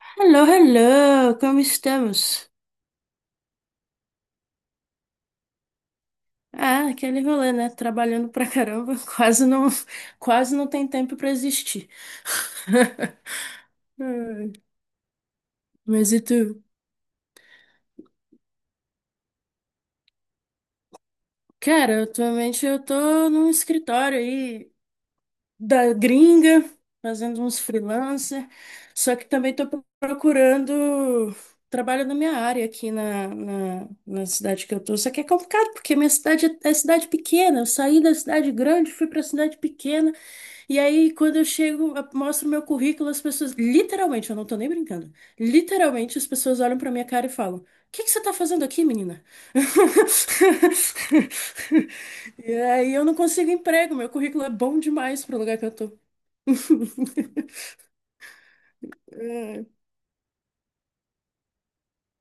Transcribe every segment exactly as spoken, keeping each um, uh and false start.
Hello, hello, como estamos? Ah, aquele rolê, né? Trabalhando pra caramba, quase não, quase não tem tempo pra existir. Ai, mas e tu? Cara, atualmente eu tô num escritório aí da gringa, fazendo uns freelancer, só que também tô pro- procurando trabalho na minha área aqui na, na, na cidade que eu tô. Só que é complicado, porque minha cidade é é cidade pequena. Eu saí da cidade grande, fui pra cidade pequena. E aí, quando eu chego, eu mostro meu currículo, as pessoas, literalmente, eu não tô nem brincando, literalmente as pessoas olham pra minha cara e falam: o que que você tá fazendo aqui, menina? E aí eu não consigo emprego, meu currículo é bom demais pro lugar que eu tô. É.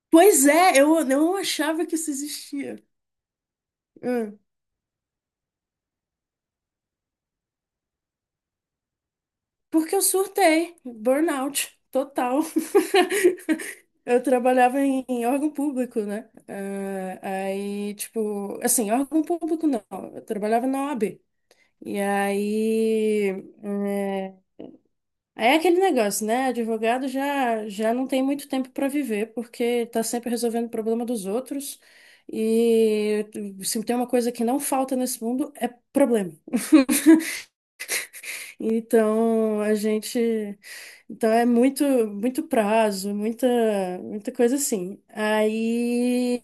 Pois é, eu eu não achava que isso existia. É. Porque eu surtei, burnout total. Eu trabalhava em, em órgão público, né? Ah, aí, tipo, assim, órgão público não, eu trabalhava na O A B. E aí, é, aí é aquele negócio, né? Advogado já, já não tem muito tempo para viver, porque tá sempre resolvendo o problema dos outros. E se tem uma coisa que não falta nesse mundo, é problema. Então, a gente. Então, é muito, muito prazo, muita, muita coisa assim. Aí,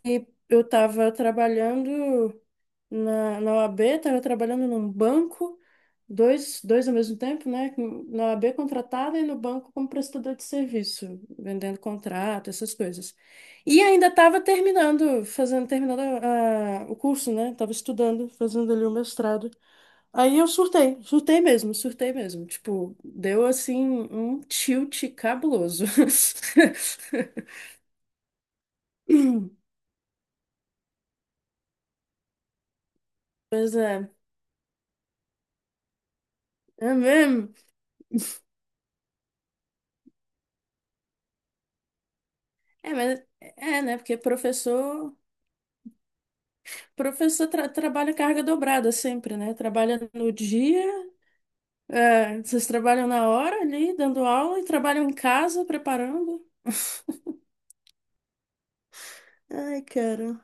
eu estava trabalhando na, na O A B, estava trabalhando num banco, dois, dois ao mesmo tempo, né? com- Na O A B contratada e no banco como prestador de serviço, vendendo contrato, essas coisas. E ainda estava terminando, fazendo, terminando a- o curso, né? Estava estudando, fazendo ali o mestrado. Aí eu surtei, surtei mesmo, surtei mesmo. Tipo, deu assim um tilt cabuloso. Pois é, é mesmo. É, mas é, né? Porque professor, professor tra- trabalha carga dobrada sempre, né? Trabalha no dia, é, vocês trabalham na hora ali, dando aula, e trabalham em casa, preparando. Ai, cara.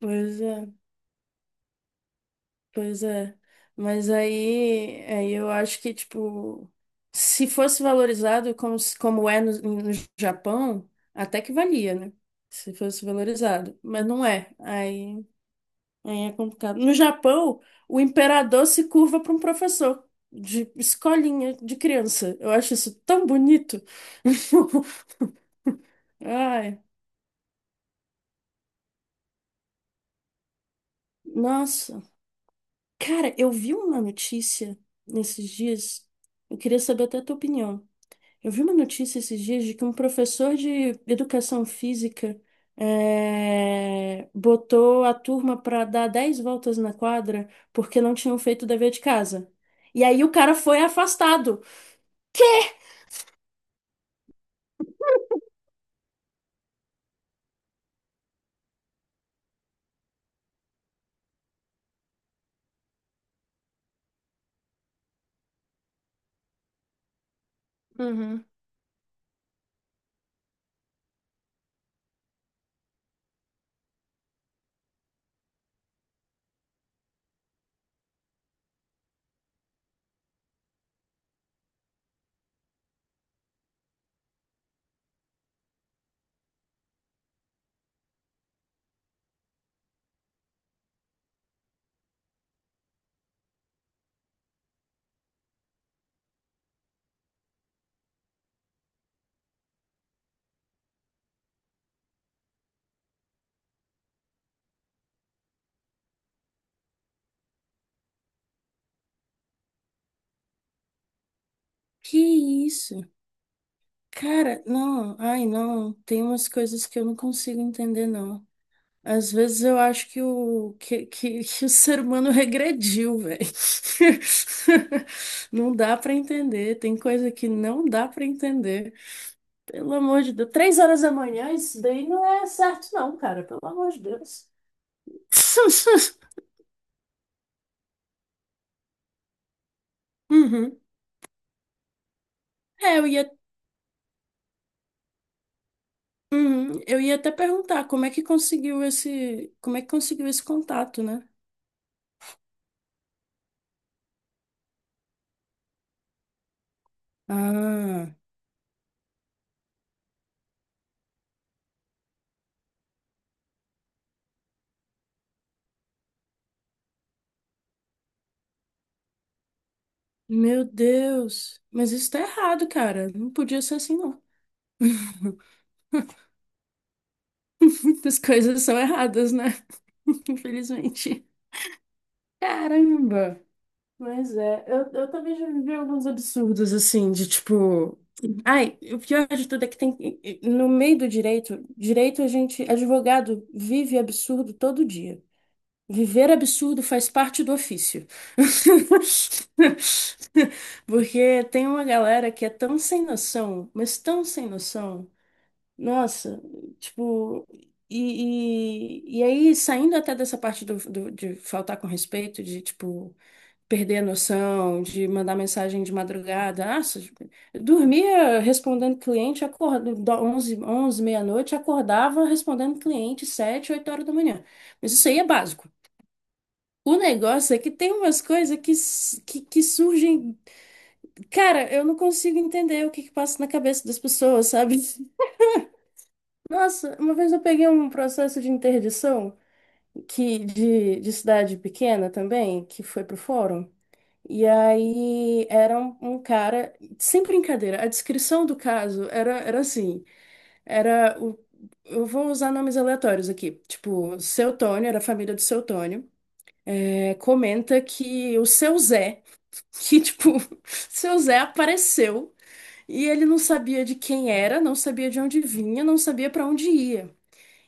Pois é. Pois é. Mas aí, aí eu acho que, tipo, se fosse valorizado como, se- como é no, no Japão, até que valia, né? Se fosse valorizado. Mas não é. Aí, aí é complicado. No Japão, o imperador se curva para um professor de escolinha de criança. Eu acho isso tão bonito. Ai, nossa. Cara, eu vi uma notícia nesses dias. Eu queria saber até a tua opinião. Eu vi uma notícia esses dias de que um professor de educação física eh, botou a turma para dar dez voltas na quadra porque não tinham feito o dever de casa. E aí o cara foi afastado. Uhum. Que isso? Cara, não, ai não, tem umas coisas que eu não consigo entender, não. Às vezes eu acho que o, que, que, que o ser humano regrediu, velho. Não dá pra entender, tem coisa que não dá pra entender. Pelo amor de Deus. Três horas da manhã, isso daí não é certo, não, cara. Pelo amor de Deus. Uhum. É, eu ia, uhum. Eu ia até perguntar como é que conseguiu esse, como é que conseguiu esse contato, né? Ah, meu Deus. Mas isso tá errado, cara. Não podia ser assim, não. Muitas coisas são erradas, né? Infelizmente. Caramba. Mas é, eu, eu também já vivi alguns absurdos, assim, de tipo. Ai, o pior de tudo é que tem. No meio do direito, direito a gente, advogado, vive absurdo todo dia. Viver absurdo faz parte do ofício. Porque tem uma galera que é tão sem noção, mas tão sem noção. Nossa, tipo. E, e, e aí, saindo até dessa parte do, do- de faltar com respeito, de tipo perder a noção, de mandar mensagem de madrugada. Ah, eu dormia respondendo cliente, acordava onze onze meia-noite, acordava respondendo cliente sete oito horas da manhã. Mas isso aí é básico. O negócio é que tem umas coisas que, s- que, que surgem. Cara, eu não consigo entender o que, que passa na cabeça das pessoas, sabe? Nossa, uma vez eu peguei um processo de interdição que, de, de cidade pequena também, que foi pro fórum. E aí era um, um cara, sem brincadeira, a descrição do caso era, era assim, era o, eu vou usar nomes aleatórios aqui, tipo, seu Tônio, era a família do seu Tônio, é, comenta que o seu Zé, que tipo, seu Zé apareceu e ele não sabia de quem era, não sabia de onde vinha, não sabia pra onde ia.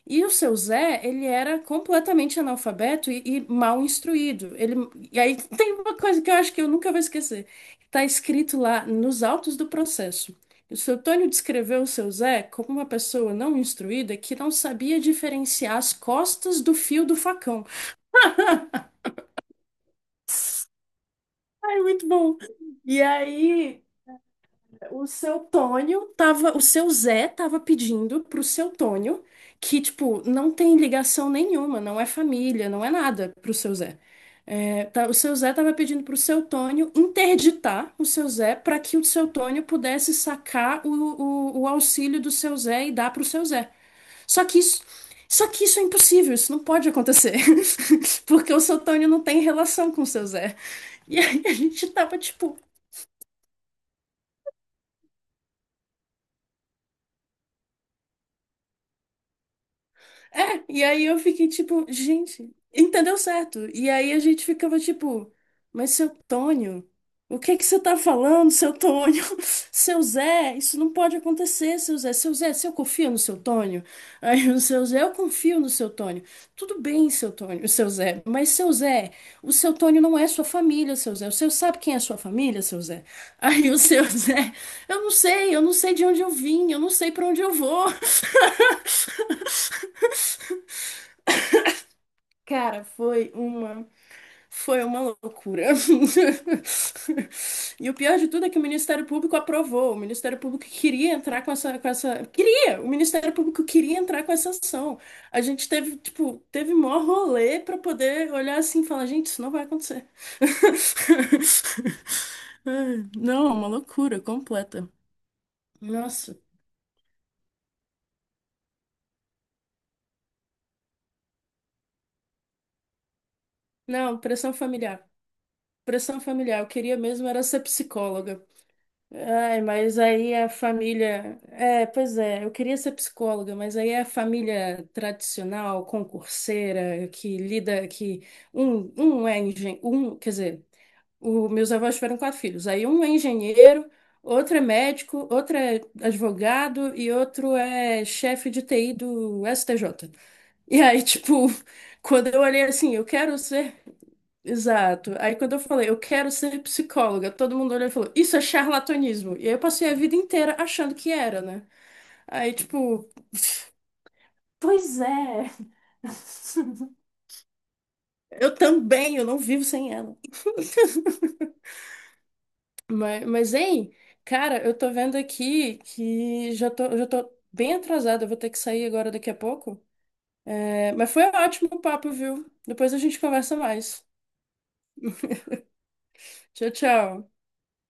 E o seu Zé, ele era completamente analfabeto e, e mal instruído. Ele, e aí tem uma coisa que eu acho que eu nunca vou esquecer. Está escrito lá nos autos do processo. O seu Tônio descreveu o seu Zé como uma pessoa não instruída que não sabia diferenciar as costas do fio do facão. Ai, muito bom. E aí, o seu Tônio tava, o seu Zé tava pedindo pro seu Tônio, que, tipo, não tem ligação nenhuma, não é família, não é nada pro seu Zé. É, tá- o seu Zé tava pedindo pro seu Tônio interditar o seu Zé para que o seu Tônio pudesse sacar o, o, o auxílio do seu Zé e dar pro seu Zé. Só que isso, só que isso é impossível, isso não pode acontecer. Porque o seu Tônio não tem relação com o seu Zé. E aí a gente tava, tipo, é, e aí eu fiquei tipo, gente, entendeu certo? E aí a gente ficava tipo, mas seu Tônio, o que que você tá falando, seu Tônio? Seu Zé, isso não pode acontecer, seu Zé. Seu Zé, se eu confio no seu Tônio? Aí o seu Zé, eu confio no seu Tônio. Tudo bem, seu Tônio, seu Zé, mas seu Zé, o seu Tônio não é sua família, seu Zé. O seu sabe quem é sua família, seu Zé? Aí o seu Zé, eu não sei, eu não sei de onde eu vim, eu não sei pra onde eu vou. Cara, foi uma foi uma loucura. E o pior de tudo é que o Ministério Público aprovou. O Ministério Público queria entrar com essa, com essa, queria. O Ministério Público queria entrar com essa ação. A gente teve, tipo, teve mó rolê para poder olhar assim e falar, gente, isso não vai acontecer. Ai, não, é uma loucura completa. Nossa. Não, pressão familiar. Pressão familiar. Eu queria mesmo era ser psicóloga. Ai, mas aí a família. É, pois é, eu queria ser psicóloga, mas aí a família tradicional, concurseira, que lida, que um, um é engenheiro, um, quer dizer, o, meus avós tiveram quatro filhos. Aí um é engenheiro, outro é médico, outro é advogado e outro é chefe de T I do S T J. E aí, tipo, quando eu olhei assim, eu quero ser exato. Aí quando eu falei, eu quero ser psicóloga, todo mundo olhou e falou, isso é charlatanismo. E aí eu passei a vida inteira achando que era, né? Aí, tipo, pois é. Eu também, eu não vivo sem ela. Mas, mas, hein, cara, eu tô vendo aqui que já tô, já tô bem atrasada, eu vou ter que sair agora daqui a pouco. É, mas foi ótimo o papo, viu? Depois a gente conversa mais. Tchau, tchau.